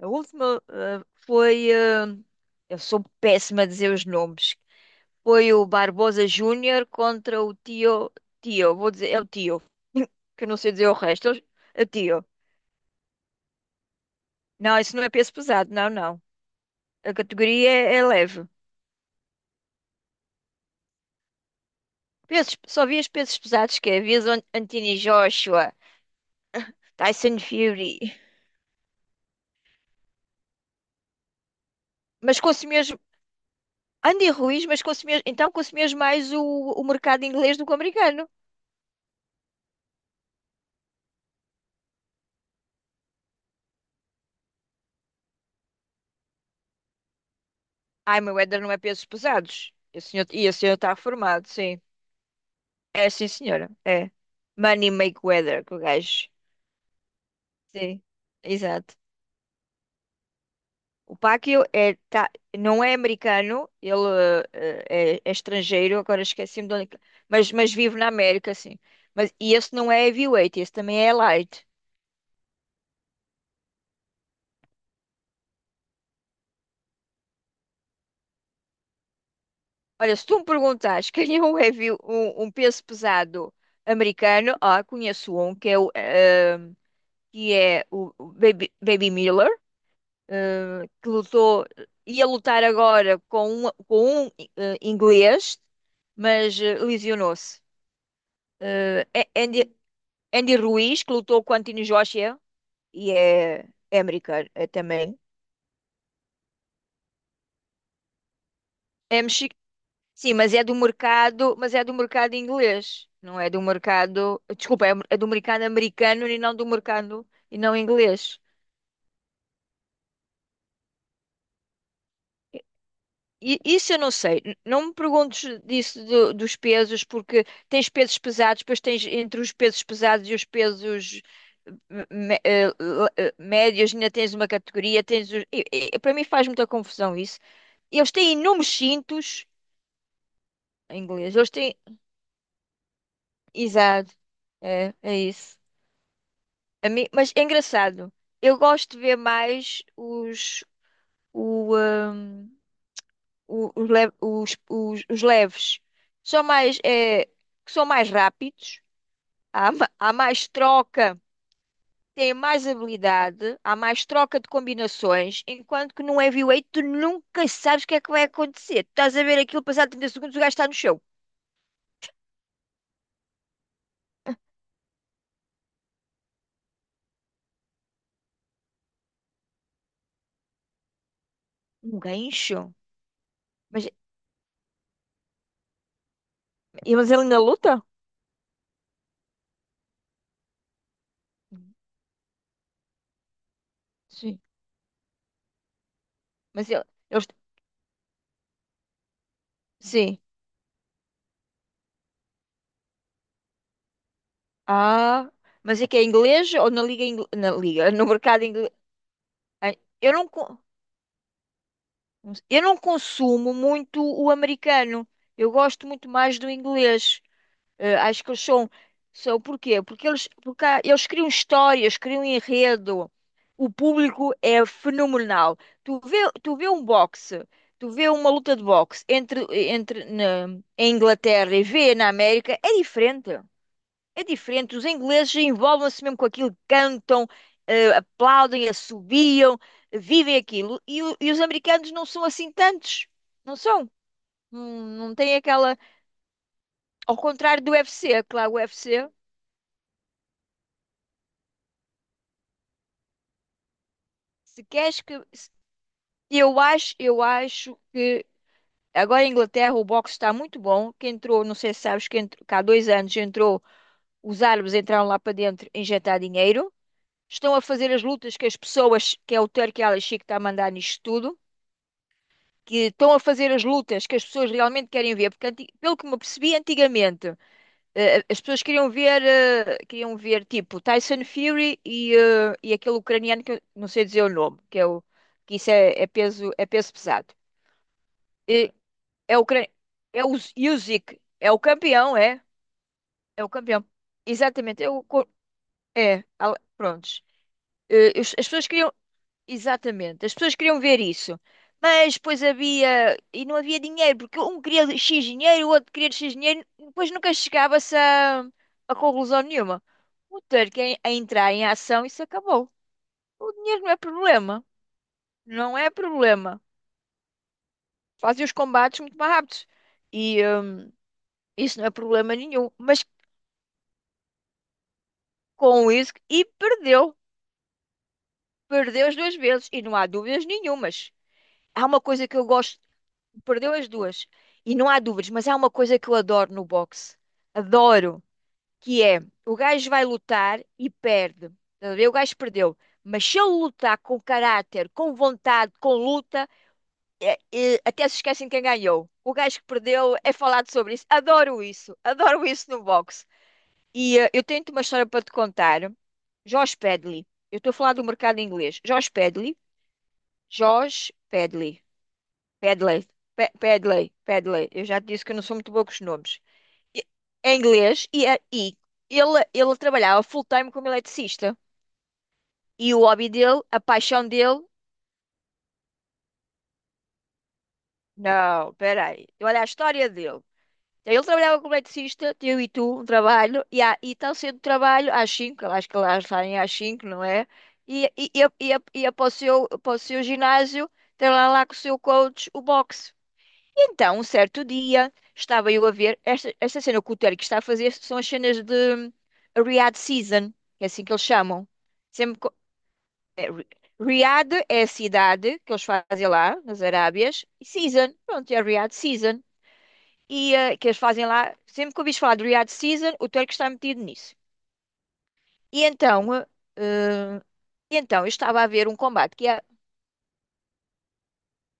A última foi. Eu sou péssima a dizer os nomes. Foi o Barbosa Júnior contra o Tio. Tio, vou dizer, é o Tio. Que eu não sei dizer o resto. É Tio. Não, isso não é peso pesado, não, não. A categoria é leve. Pesos, só vi os pesos pesados que é. Vi Anthony Joshua, Tyson Fury. Mas consumias. Andy Ruiz, mas consumias. Então consumias mais o mercado inglês do que o americano. Ai, meu Éder não é pesos pesados. Esse senhor, e esse senhor está formado, sim. É, sim, senhora. É. Money make weather, que o gajo. Sim, exato. O Pacquiao é, tá, não é americano, ele é estrangeiro, agora esqueci-me de onde... é mas vive na América, sim. Mas, e esse não é heavyweight, esse também é light. Olha, se tu me perguntas quem é um, heavy, um peso pesado americano, ah, conheço um, que é o, que é o Baby, Baby Miller. Que lutou, ia lutar agora com um inglês, mas lesionou-se. Andy, Andy Ruiz, que lutou com Anthony Joshua, e é americano é também. É Sim, mas é do mercado, mas é do mercado inglês, não é do mercado, desculpa, é do mercado americano e não do mercado e não inglês. Isso eu não sei. Não me perguntes disso dos pesos, porque tens pesos pesados, depois tens entre os pesos pesados e os pesos médios, ainda tens uma categoria, tens para mim faz muita confusão isso. Eles têm inúmeros cintos, em inglês, eles têm... Exato, é isso. A mim... Mas é engraçado, eu gosto de ver mais os, o, ah, o- os, le- os leves. São mais... É... que são mais rápidos. Há mais troca, tem mais habilidade, há mais troca de combinações, enquanto que num heavyweight tu nunca sabes o que é que vai acontecer. Tu estás a ver aquilo, passado 30 segundos o gajo está no chão. Um gancho. Mas, mas ele ainda luta? Sim. Mas ele, eles- sim. Ah, mas é que é inglês ou na liga, na liga, no mercado inglês? Eu não, con- eu não consumo muito o americano. Eu gosto muito mais do inglês. Acho que eles são por quê? Porque eles, porque eles criam histórias, criam enredo. O público é fenomenal. Tu vê, Tu vê um boxe, tu vê uma luta de boxe em Inglaterra e vê na América, é diferente. É diferente. Os ingleses envolvem-se mesmo com aquilo, cantam, aplaudem, assobiam, vivem aquilo. E, e os americanos não são assim tantos. Não são. Não, não têm aquela. Ao contrário do UFC, claro, o UFC. Se queres que. Se- eu acho que agora em Inglaterra o boxe está muito bom. Não sei se sabes, que há dois anos entrou, os árabes entraram lá para dentro injetar dinheiro. Estão a fazer as lutas que as pessoas, que é o Turki Al Sheikh que está a mandar nisto tudo, que estão a fazer as lutas que as pessoas realmente querem ver. Porque, pelo que me percebi antigamente, as pessoas queriam ver tipo Tyson Fury e aquele ucraniano que eu não sei dizer o nome, que é o, que isso é peso, é peso pesado. E é o cre- é o Usyk, é o campeão, é, é o campeão. Exatamente, é o co- é, al- prontos. As pessoas queriam exatamente, as pessoas queriam ver isso. Mas depois havia e não havia dinheiro, porque um queria X dinheiro, o outro queria X dinheiro, depois nunca chegava-se a conclusão nenhuma. O ter que en- A entrar em ação, isso acabou. O dinheiro não é problema, não é problema. Fazem os combates muito mais rápidos. E, eh, isso não é problema nenhum. Mas com isso e perdeu. Perdeu as duas vezes e não há dúvidas nenhumas. Há uma coisa que eu gosto, perdeu as duas e não há dúvidas, mas há uma coisa que eu adoro no boxe. Adoro, que é o gajo vai lutar e perde. Estás a ver? O gajo perdeu. Mas se ele lutar com caráter, com vontade, com luta, até se esquecem quem ganhou. O gajo que perdeu é falado sobre isso. Adoro isso. Adoro isso no boxe. Eu tenho-te uma história para te contar. Josh Pedley. Eu estou a falar do mercado inglês. Josh Pedley. Josh Pedley. Pedley. Pedley. Pedley. Eu já te disse que eu não sou muito boa com os nomes. E- É inglês e ele trabalhava full-time como eletricista. E o hobby dele, a paixão dele. Não, peraí. Olha a história dele. Então, ele trabalhava como eletricista, eu e tu, um trabalho, e tão cedo do trabalho, às 5, acho que elas saem às 5, não é? Ia para para o seu ginásio, tem lá com o seu coach o boxe. E então, um certo dia, estava eu a ver, esta cena que o Terry está a fazer são as cenas de Riyadh Season, que é assim que eles chamam. Sempre, co- é, Ri- Riyadh é a cidade que eles fazem lá, nas Arábias, e Season, pronto, é Riyadh Season que eles fazem lá. Sempre que ouvis falar do Riyadh Season, o Turco está metido nisso. E então, eh, eh, e então eu estava a ver um combate que é.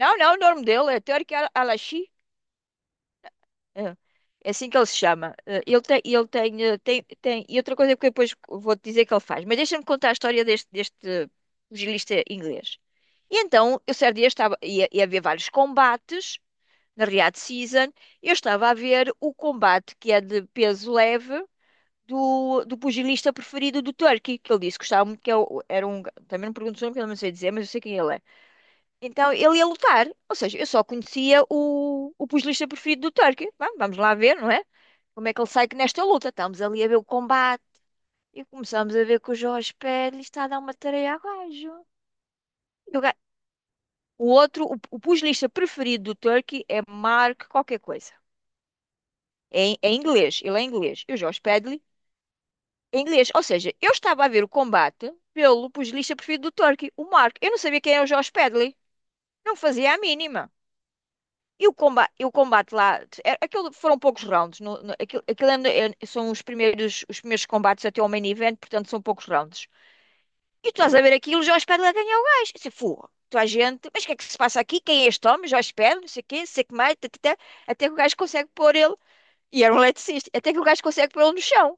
Não, não, o nome dele é Turco Alashi. eh, É assim que ele se chama. Ele tem, e outra coisa que eu depois vou-te dizer que ele faz. Mas deixa-me contar a história deste pugilista inglês. E então, eu certo dia ia haver vários combates na Riyadh Season. Eu estava a ver o combate que é de peso leve do pugilista preferido do Turkey, que ele disse que gostava muito, que é era um. Também não pergunto o nome, porque eu não sei dizer, mas eu sei quem ele é. Então ele ia lutar, ou seja, eu só conhecia o pugilista preferido do Turkey. Vá, vamos lá ver, não é? Como é que ele sai nesta luta? Estamos ali a ver o combate e começamos a ver que o Jorge Pérez está a dar uma tareia ao gajo. E o, ga- o outro, o pugilista preferido do Turkey é Mark qualquer coisa. É inglês, ele é inglês. E o Jorge Padley em inglês. Ou seja, eu estava a ver o combate pelo pugilista preferido do Turkey, o Mark. Eu não sabia quem era o Josh Pedley. Não fazia a mínima. E o combate lá, aquilo foram poucos rounds. Aquilo aquilo são os primeiros combates até ao main event, portanto são poucos rounds. E tu estás a ver aquilo, Josh Pedley a ganhar o gajo. Eu disse, "Fogo, tu a gente, mas o que é que se passa aqui? Quem é este homem? Josh Pedley, não sei o quê, não sei o que mais, tatatá." Até que o gajo consegue pôr ele. E era um eletricista, até que o gajo consegue pôr ele no chão.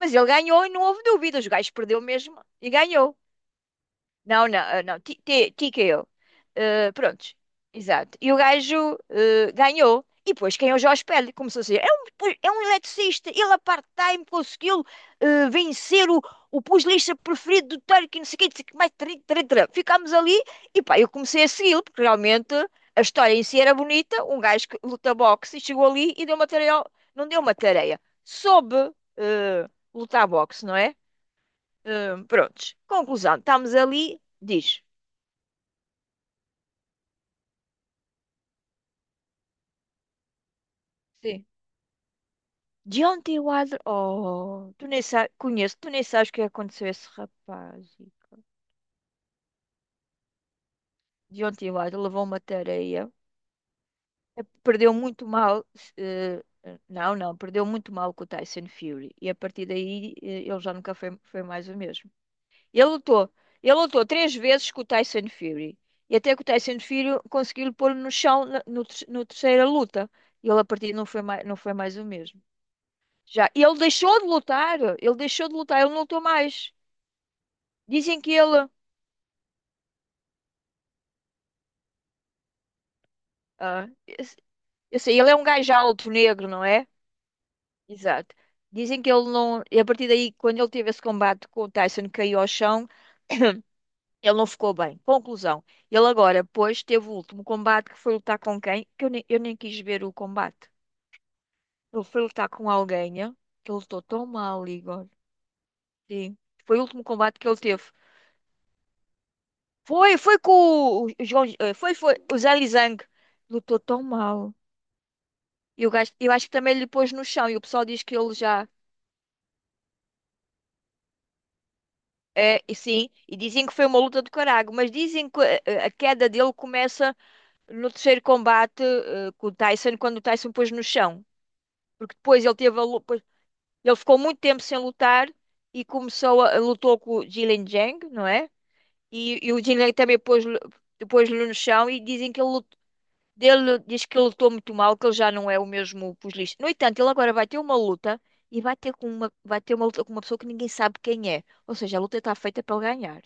Mas ele ganhou e não houve dúvidas. O gajo perdeu mesmo e ganhou. Não, não, ah, não, TKO. Prontos, exato. E o gajo ganhou. E depois quem é o Jorge Pérez começou a dizer: é um, é um eletricista, ele a part-time conseguiu vencer o pugilista preferido do Turkey, não sei o quê, não sei o quê mais tará, tará, tará." Ficámos ali e pá, eu comecei a segui-lo, porque realmente a história em si era bonita. Um gajo que luta boxe e chegou ali e deu uma tareia, não deu uma tareia, soube lutar boxe, não é? Prontos. Conclusão. Estamos ali. Diz. Sim. Deontay Wilder. Oh, tu nem sabes. Conheço. Tu nem sabes o que aconteceu a esse rapaz. Deontay Wilder levou uma tareia. É, perdeu muito mal. eh, não, não. Perdeu muito mal com o Tyson Fury. E a partir daí ele já nunca foi, foi mais o mesmo. Ele lutou. Ele lutou três vezes com o Tyson Fury. E até que o Tyson Fury conseguiu pôr no chão na no ter- no terceira luta. E ele a partir daí não foi mais o mesmo. Já. E ele deixou de lutar. Ele deixou de lutar. Ele não lutou mais. Dizem que ele. Ah, eu eu sei, ele é um gajo alto, negro, não é? Exato. Dizem que ele não. E a partir daí, quando ele teve esse combate com o Tyson, que caiu ao chão, ele não ficou bem. Conclusão. Ele agora, pois, teve o último combate que foi lutar com quem? Que eu nem quis ver o combate. Ele foi lutar com alguém, né? Que ele lutou tão mal, Igor. Sim. Foi o último combate que ele teve. Foi com o João, foi, o Zé Lizang lutou tão mal. E o gajo, eu acho que também ele pôs no chão e o pessoal diz que ele já e sim, e dizem que foi uma luta do caralho, mas dizem que a queda dele começa no terceiro combate com o Tyson, quando o Tyson pôs no chão, porque depois ele teve a luta, ele ficou muito tempo sem lutar e começou lutou com o Jilin Jang, não é? E o Jilin também pôs-lhe no chão e dizem que ele. Ele diz que ele lutou muito mal, que ele já não é o mesmo pugilista. No entanto, ele agora vai ter uma luta e vai ter com vai ter uma luta com uma pessoa que ninguém sabe quem é. Ou seja, a luta está feita para ele ganhar,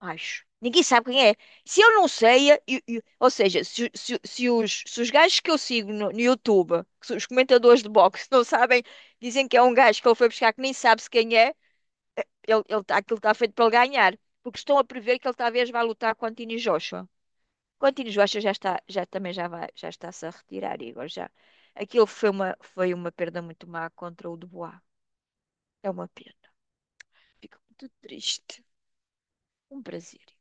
acho. Ninguém sabe quem é. Se eu não sei, ou seja, se se os gajos que eu sigo no YouTube, que são os comentadores de boxe, não sabem, dizem que é um gajo que ele foi buscar que nem sabe-se quem é, aquilo está feito para ele ganhar. Porque estão a prever que ele talvez vá lutar com Anthony Joshua. Contino Joachim já está, já também já vai, já está-se a retirar, Igor, já. Aquilo foi uma perda muito má contra o Dubois. É uma pena. Fico muito triste. Um prazer.